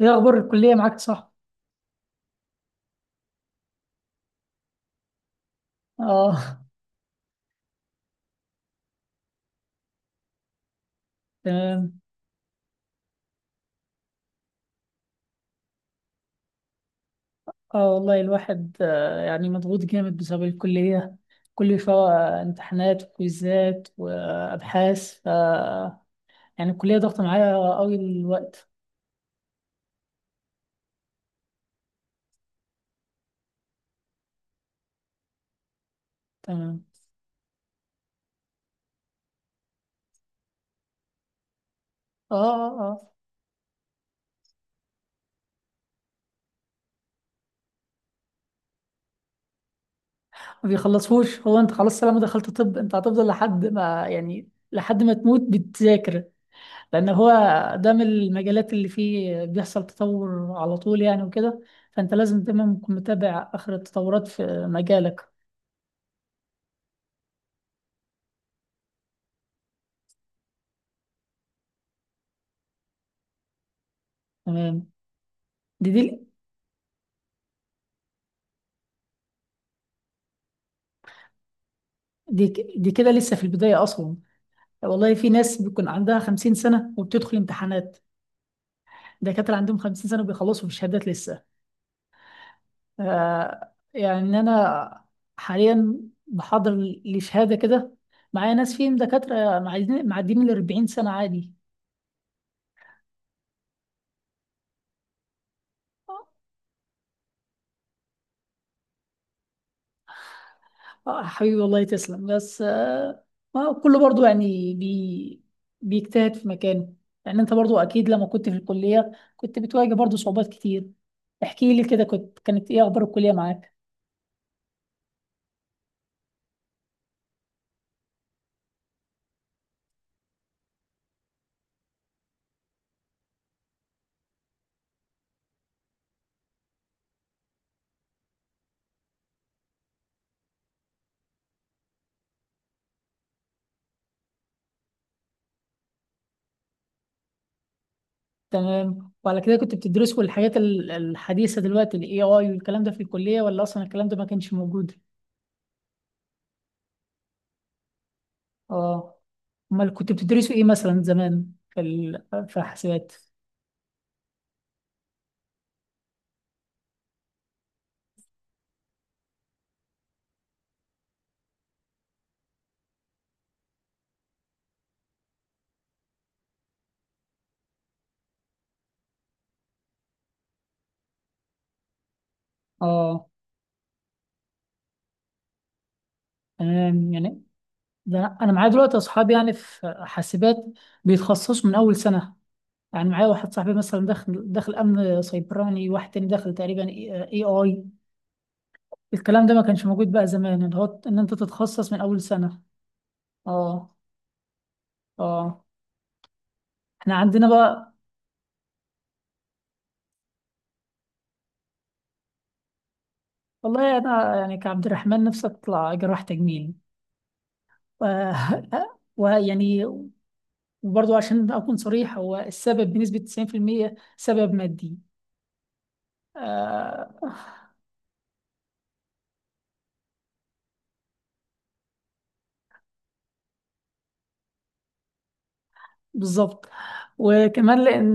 ايه اخبار الكليه معاك صح؟ اه. تمام. اه والله الواحد يعني مضغوط جامد بسبب الكليه. كل شويه امتحانات وكويزات وابحاث ف يعني الكليه ضغط معايا قوي الوقت. تمام. اه. ما بيخلصوش، هو انت خلاص طالما دخلت طب انت هتفضل لحد ما، يعني لحد ما تموت بتذاكر. لان هو ده من المجالات اللي فيه بيحصل تطور على طول يعني وكده. فانت لازم دايما تكون متابع اخر التطورات في مجالك. تمام. دي دي كده لسه في البداية أصلا. والله في ناس بيكون عندها 50 سنة وبتدخل امتحانات، دكاترة عندهم 50 سنة وبيخلصوا بالشهادات لسه. آه يعني أنا حاليا بحضر لشهادة كده، معايا ناس فيهم دكاترة معديين ال 40 سنة عادي. حبيبي والله تسلم، بس ما كله برضو يعني بيجتهد في مكانه. يعني انت برضو اكيد لما كنت في الكلية كنت بتواجه برضو صعوبات كتير. احكي لي كده، كنت كانت ايه اخبار الكلية معاك؟ تمام، وعلى كده كنت بتدرسوا الحاجات الحديثة دلوقتي، الاي اي والكلام ده في الكلية، ولا اصلا الكلام ده ما كانش موجود؟ اه. امال كنت بتدرسوا ايه مثلا زمان في في حاسبات؟ اه. تمام يعني. ده أنا معايا دلوقتي اصحاب يعني في حاسبات بيتخصصوا من اول سنه. يعني معايا واحد صاحبي مثلا دخل امن سيبراني، واحد تاني دخل تقريبا اي اي. الكلام ده ما كانش موجود بقى زمان، ان هو ان انت تتخصص من اول سنه. اه. اه. احنا عندنا بقى. والله انا يعني كعبد الرحمن نفسي اطلع جراح تجميل، و- ويعني، وبرضه عشان اكون صريح، هو السبب بنسبه 90% سبب مادي. آه. بالظبط. وكمان لان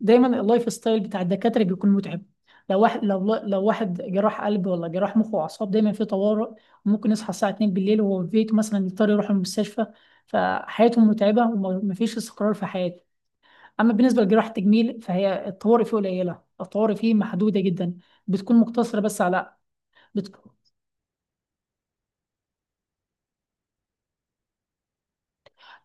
دايما اللايف ستايل بتاع الدكاتره بيكون متعب. لو واحد، لو واحد جراح قلب ولا جراح مخ واعصاب دايما في طوارئ. ممكن يصحى الساعه 2 بالليل وهو في بيته مثلا يضطر يروح المستشفى. فحياتهم متعبه ومفيش استقرار في حياته. اما بالنسبه لجراح التجميل فهي الطوارئ فيه قليله، الطوارئ فيه محدوده جدا، بتكون مقتصره بس على. بتكون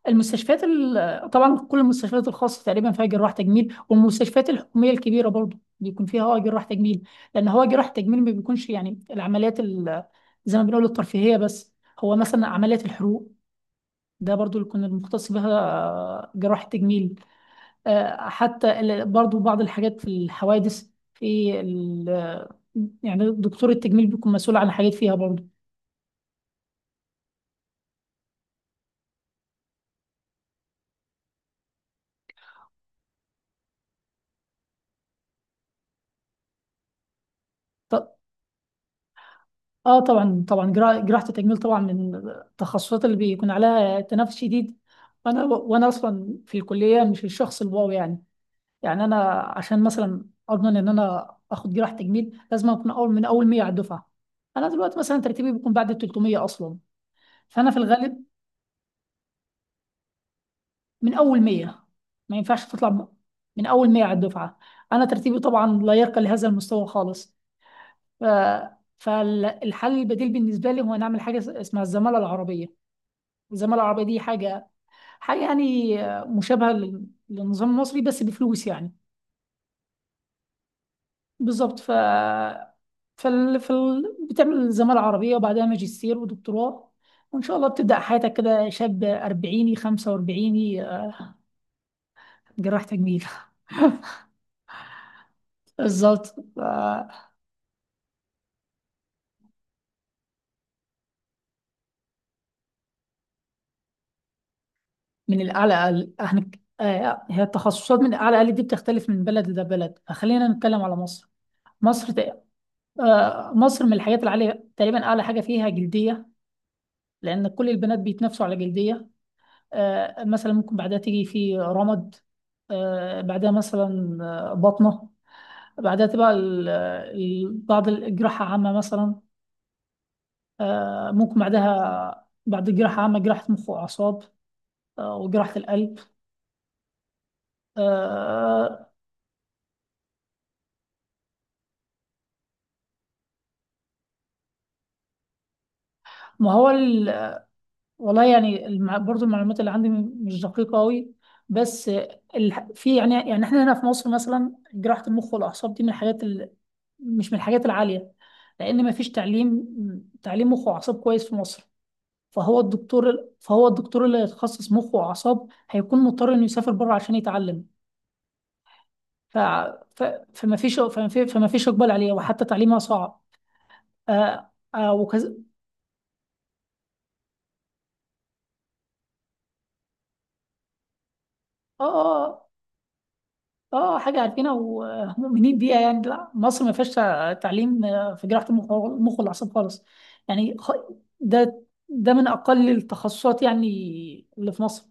المستشفيات طبعا كل المستشفيات الخاصه تقريبا فيها جراح تجميل، والمستشفيات الحكوميه الكبيره برضو بيكون فيها جراح تجميل. لان هو جراح تجميل ما بيكونش يعني العمليات زي ما بنقول الترفيهيه بس. هو مثلا عمليات الحروق، ده برضو اللي يكون المختص بها جراح التجميل. حتى برضو بعض الحاجات في الحوادث في يعني دكتور التجميل بيكون مسؤول عن حاجات فيها برضو. اه طبعا، جراحة التجميل طبعا من التخصصات اللي بيكون عليها تنافس شديد. وانا اصلا في الكلية مش الشخص الواو يعني. يعني انا عشان مثلا اضمن ان انا اخد جراحة تجميل لازم اكون اول، من اول 100 على الدفعة. انا دلوقتي مثلا ترتيبي بيكون بعد ال 300 اصلا. فانا في الغالب من اول 100. ما ينفعش تطلع من اول 100 على الدفعة. انا ترتيبي طبعا لا يرقى لهذا المستوى خالص. ف... فالحل البديل بالنسبة لي هو نعمل حاجة اسمها الزمالة العربية. الزمالة العربية دي حاجة حاجة يعني مشابهة للنظام المصري بس بفلوس يعني. بالظبط. بتعمل زمالة عربية وبعدها ماجستير ودكتوراه، وإن شاء الله بتبدأ حياتك كده شاب أربعيني، خمسة وأربعيني، جراح تجميل. بالظبط. ف- من الأعلى احنا هي التخصصات من الأعلى أقل دي بتختلف من بلد لبلد، فخلينا نتكلم على مصر. مصر تق- مصر من الحاجات العالية، تقريبا أعلى حاجة فيها جلدية، لأن كل البنات بيتنافسوا على جلدية. مثلا ممكن بعدها تيجي في رمد. بعدها مثلا بطنة. بعدها تبقى بعض الجراحة عامة مثلا. ممكن بعدها بعد الجراحة عامة جراحة مخ وأعصاب. وجراحة القلب. آه، ما هو والله يعني برضو المعلومات اللي عندي مش دقيقة أوي. بس في يعني، يعني احنا هنا في مصر مثلا جراحة المخ والأعصاب دي من الحاجات مش من الحاجات العالية. لأن مفيش تعليم، تعليم مخ وأعصاب كويس في مصر. فهو الدكتور اللي هيتخصص مخ وأعصاب هيكون مضطر إنه يسافر بره عشان يتعلم. ف... ف... فمفيش إقبال عليه، وحتى تعليمها صعب. آه آه وكز... آه آه حاجة عارفينها ومؤمنين بيها يعني. لا مصر ما فيهاش تعليم في جراحة المخ والأعصاب خالص. يعني خ... ده، ده من أقل التخصصات يعني اللي في مصر.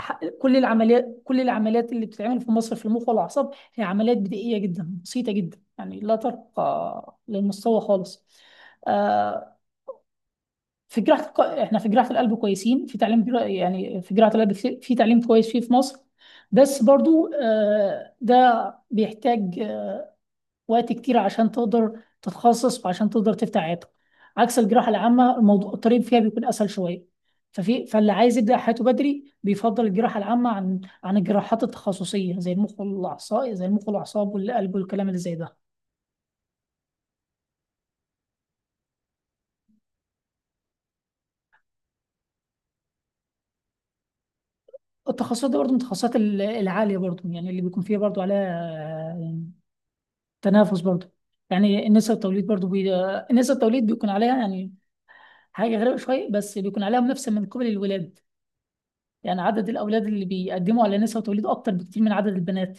كل العمليات اللي بتتعمل في مصر في المخ والاعصاب هي عمليات بدائيه جدا، بسيطه جدا يعني، لا ترقى للمستوى خالص. آه، في احنا في جراحه القلب كويسين في يعني في جراحه القلب في تعليم كويس فيه في مصر. بس برضو ده بيحتاج وقت كتير عشان تقدر تتخصص وعشان تقدر تفتح عيادتك. عكس الجراحة العامة، الموضوع الطريق فيها بيكون أسهل شوية. فاللي عايز يبدأ حياته بدري بيفضل الجراحة العامة عن الجراحات التخصصية زي المخ والأعصاب، والقلب والكلام اللي زي ده. التخصصات دي برضه من التخصصات العالية برضه، يعني اللي بيكون فيها برضه عليها تنافس برضه. يعني نسب التوليد بيكون عليها يعني حاجة غريبة شوية، بس بيكون عليها منافسة من قبل الولاد. يعني عدد الأولاد اللي بيقدموا على نسبة توليد أكتر بكتير من عدد البنات.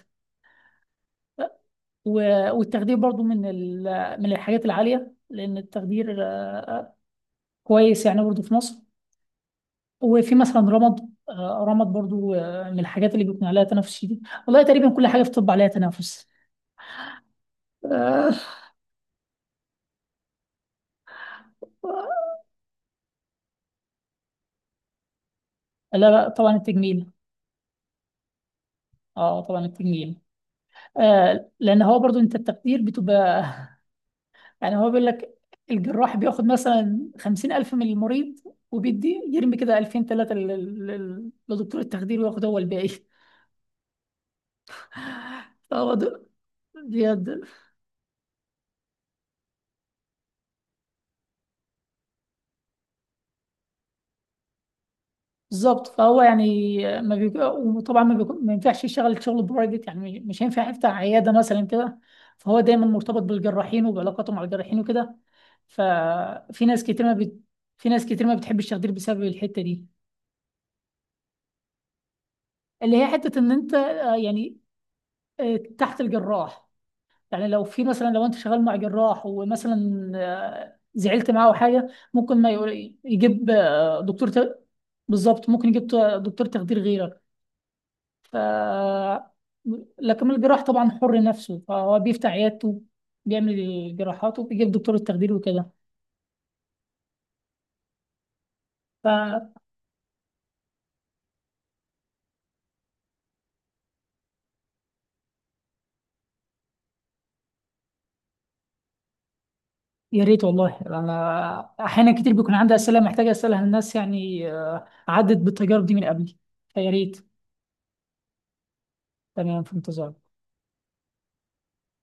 والتخدير برضو من من الحاجات العالية، لأن التخدير آه، كويس يعني برضو في مصر. وفي مثلا رمض برضو من الحاجات اللي بيكون عليها تنافس شديد. والله تقريبا كل حاجة في الطب عليها تنافس. آه، لا لا طبعا التجميل. اه طبعا التجميل. لان هو برضو انت التقدير بتبقى يعني، هو بيقول لك الجراح بياخد مثلا خمسين ألف من المريض، وبيدي يرمي كده ألفين تلاتة لدكتور التخدير وياخد هو الباقي. فهو بجد. بالظبط. فهو يعني ما بيبقى، وطبعا ما, بيكون- ما ينفعش يشتغل شغل برايفت يعني، مش هينفع يفتح عياده مثلا كده. فهو دايما مرتبط بالجراحين وبعلاقاته مع الجراحين وكده. ففي ناس كتير ما بت... في ناس كتير ما بتحبش التخدير بسبب الحته دي، اللي هي حته ان انت تحت الجراح. يعني لو في مثلا، لو انت شغال مع جراح ومثلا زعلت معاه او حاجه، ممكن ما يقول يجيب بالظبط. دكتور تخدير غيرك. ف لكن الجراح طبعا حر نفسه، فهو بيفتح عيادته، بيعمل جراحاته، بيجيب دكتور التخدير وكده. فيا ريت، والله انا احيانا كتير بيكون عندي اسئله محتاجه اسالها للناس، يعني عدت بالتجارب دي من قبل. فيا ريت. تمام، في انتظار.